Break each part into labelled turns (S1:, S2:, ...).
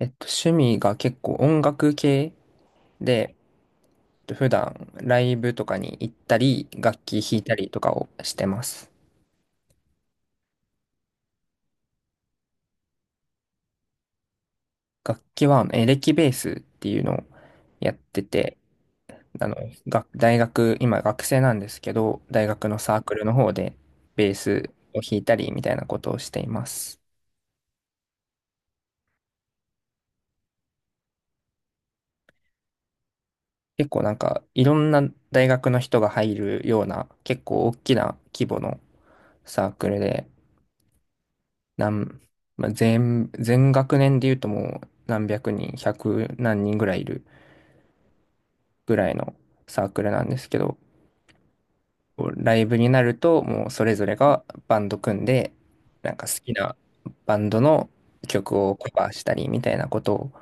S1: 趣味が結構音楽系で、普段ライブとかに行ったり、楽器弾いたりとかをしてます。楽器はエレキベースっていうのをやってて、あの、大学、今学生なんですけど、大学のサークルの方でベースを弾いたりみたいなことをしています。結構なんかいろんな大学の人が入るような結構大きな規模のサークルで、なん、まあ、全学年で言うともう何百人、百何人ぐらいいるぐらいのサークルなんですけど、ライブになるともうそれぞれがバンド組んで、なんか好きなバンドの曲をカバーしたりみたいなことを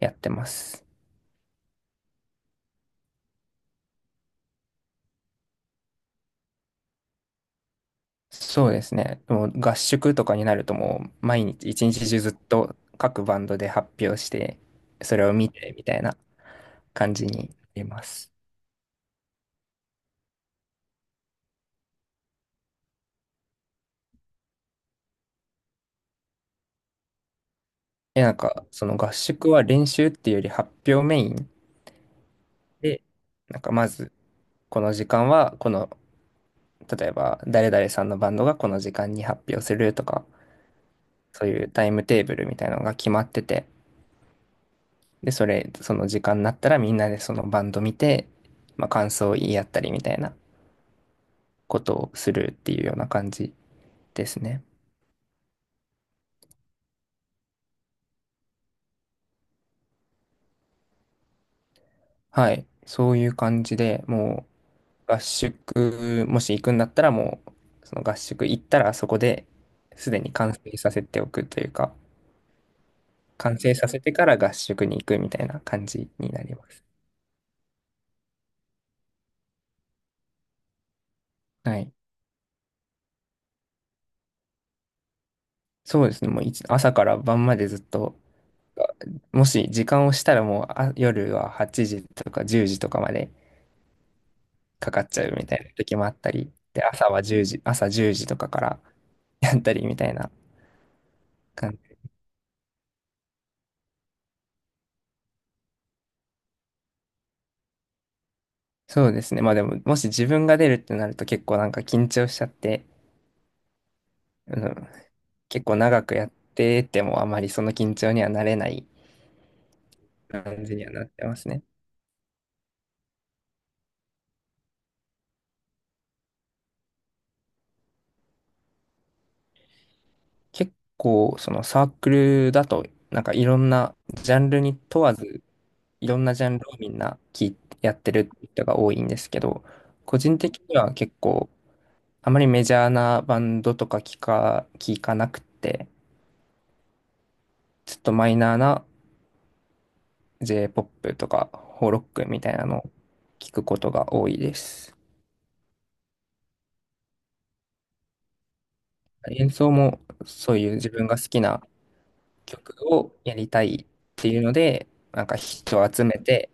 S1: やってます。そうですね。もう合宿とかになるともう毎日一日中ずっと各バンドで発表して、それを見てみたいな感じになります。で、なんか、その合宿は練習っていうより発表メインで、なんかまず、この時間は、例えば、誰々さんのバンドがこの時間に発表するとか、そういうタイムテーブルみたいなのが決まってて、で、その時間になったらみんなでそのバンド見て、まあ、感想を言い合ったりみたいなことをするっていうような感じですね。はい。そういう感じで、もう、合宿、もし行くんだったらもう、その合宿行ったらそこですでに完成させておくというか、完成させてから合宿に行くみたいな感じになります。はい。そうですね。もう一朝から晩までずっと、もし時間をしたらもう夜は8時とか10時とかまでかかっちゃうみたいな時もあったり、で、朝は10時、朝10時とかからやったりみたいな感じ。そうですね。まあでも、もし自分が出るってなると結構なんか緊張しちゃって、うん、結構長くやっててもあまりその緊張にはなれない感じにはなってますね。結構そのサークルだとなんかいろんなジャンルに問わずいろんなジャンルをみんな聞いやってる人が多いんですけど、個人的には結構あまりメジャーなバンドとか聞かなくて、ちょっとマイナーな J-POP とかホーロックみたいなのを聞くことが多いです。演奏もそういう自分が好きな曲をやりたいっていうので、なんか人を集めて、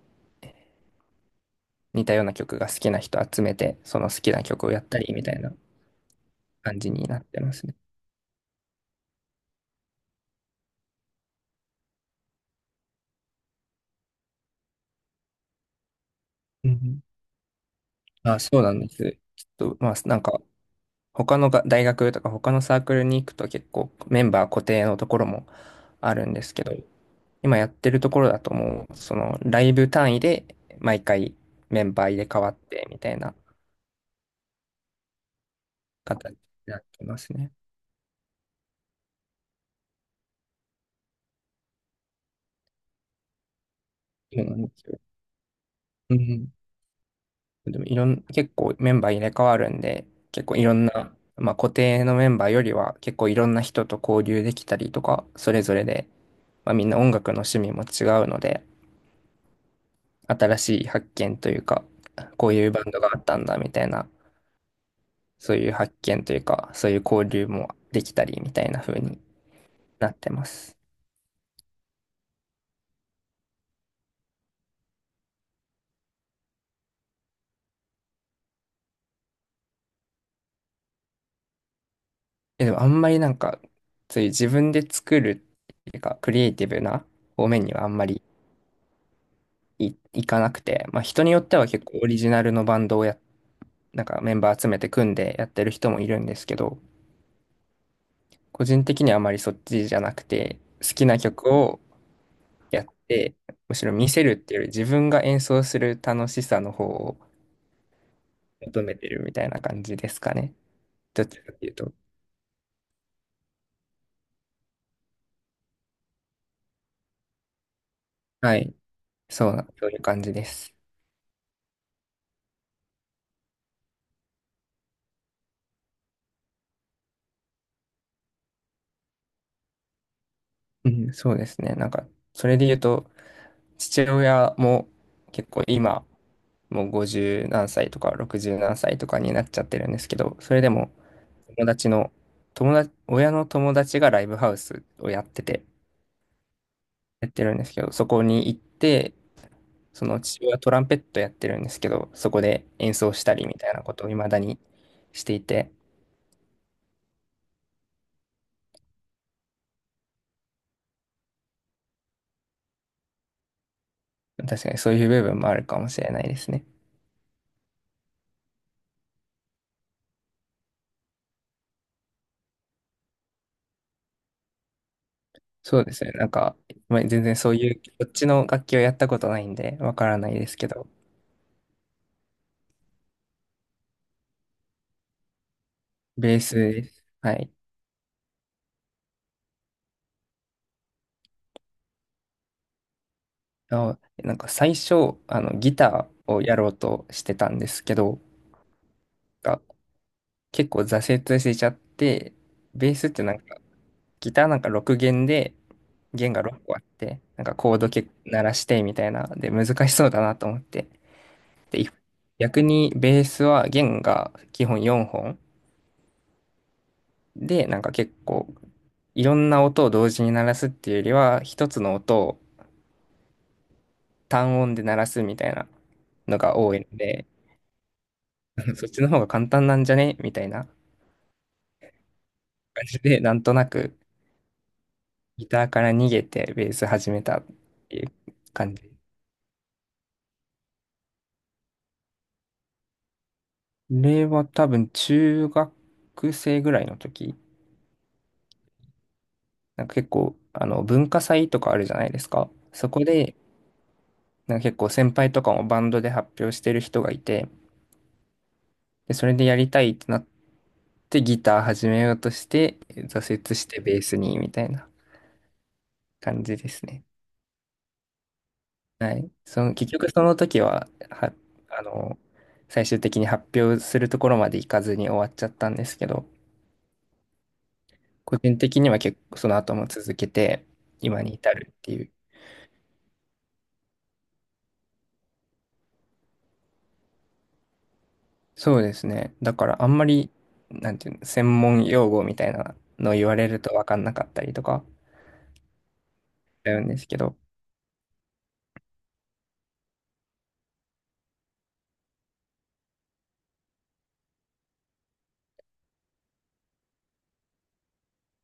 S1: 似たような曲が好きな人集めて、その好きな曲をやったりみたいな感じになってますね。うんうん。あ、そうなんです。ちょっと、まあ、なんか、他のが大学とか他のサークルに行くと結構メンバー固定のところもあるんですけど、今やってるところだともう、そのライブ単位で毎回メンバー入れ替わってみたいな形になってますね。そうなんですよ。うん。でもいろん、結構メンバー入れ替わるんで、結構いろんな、まあ、固定のメンバーよりは結構いろんな人と交流できたりとか、それぞれで、まあ、みんな音楽の趣味も違うので、新しい発見というか、こういうバンドがあったんだみたいな、そういう発見というか、そういう交流もできたりみたいな風になってます。でもあんまりなんか、そういう自分で作るっていうか、クリエイティブな方面にはあんまりいかなくて、まあ、人によっては結構オリジナルのバンドをなんかメンバー集めて組んでやってる人もいるんですけど、個人的にはあまりそっちじゃなくて、好きな曲をやって、むしろ見せるっていうより自分が演奏する楽しさの方を求めてるみたいな感じですかね。どっちかっていうと。はい。そうな、そういう感じです。うん、そうですね。なんか、それで言うと、父親も結構今、もう50何歳とか60何歳とかになっちゃってるんですけど、それでも、友達の、友達、親の友達がライブハウスをやってて、やってるんですけど、そこに行って、その父親はトランペットやってるんですけど、そこで演奏したりみたいなことを未だにしていて、確かにそういう部分もあるかもしれないですね。そうですね。なんか、まあ、全然そういう、こっちの楽器をやったことないんで、わからないですけど、ベースです。はい。あ、なんか最初、ギターをやろうとしてたんですけど、が結構挫折しちゃって、ベースってなんか、ギターなんか6弦で、弦が6個あって、なんかコードけ鳴らしてみたいな、で、難しそうだなと思って。で、逆にベースは弦が基本4本で、なんか結構、いろんな音を同時に鳴らすっていうよりは、一つの音を単音で鳴らすみたいなのが多いので、そっちの方が簡単なんじゃねみたいな感じで、なんとなくギターから逃げてベース始めたっていう感じ。これは多分中学生ぐらいの時、なんか結構文化祭とかあるじゃないですか。そこでなんか結構先輩とかもバンドで発表してる人がいて、で、それでやりたいってなってギター始めようとして挫折してベースにみたいな感じですね。はい。結局その時は、あの、最終的に発表するところまで行かずに終わっちゃったんですけど、個人的には結構その後も続けて、今に至るっていう。そうですね。だからあんまり、なんていうの、専門用語みたいなのを言われると分かんなかったりとか、だうんですけど、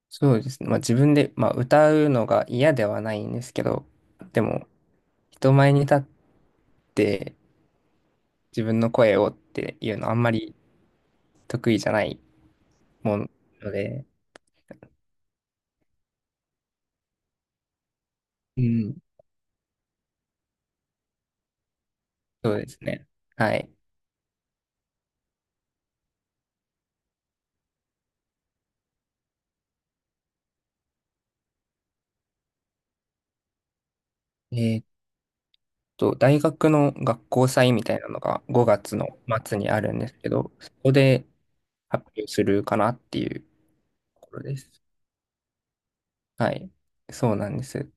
S1: そうですね。まあ自分で、まあ歌うのが嫌ではないんですけど、でも人前に立って自分の声をっていうのはあんまり得意じゃないもので、うん、そうですね。はい。えー大学の学校祭みたいなのが5月の末にあるんですけど、そこで発表するかなっていうところです。はい。そうなんです。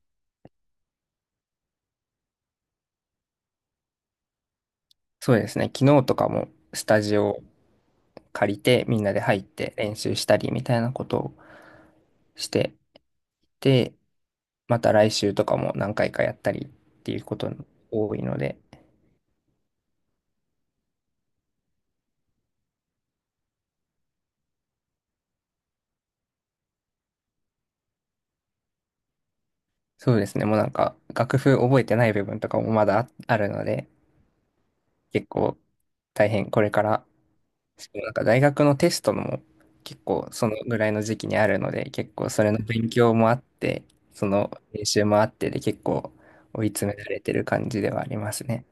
S1: そうですね。昨日とかもスタジオ借りてみんなで入って練習したりみたいなことをしてて、また来週とかも何回かやったりっていうことが多いので、そうですね。もうなんか楽譜覚えてない部分とかもまだあるので、結構大変これからなんか大学のテストも結構そのぐらいの時期にあるので、結構それの勉強もあって、その練習もあってで結構追い詰められてる感じではありますね。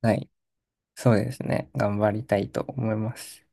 S1: はい。そうですね。頑張りたいと思います。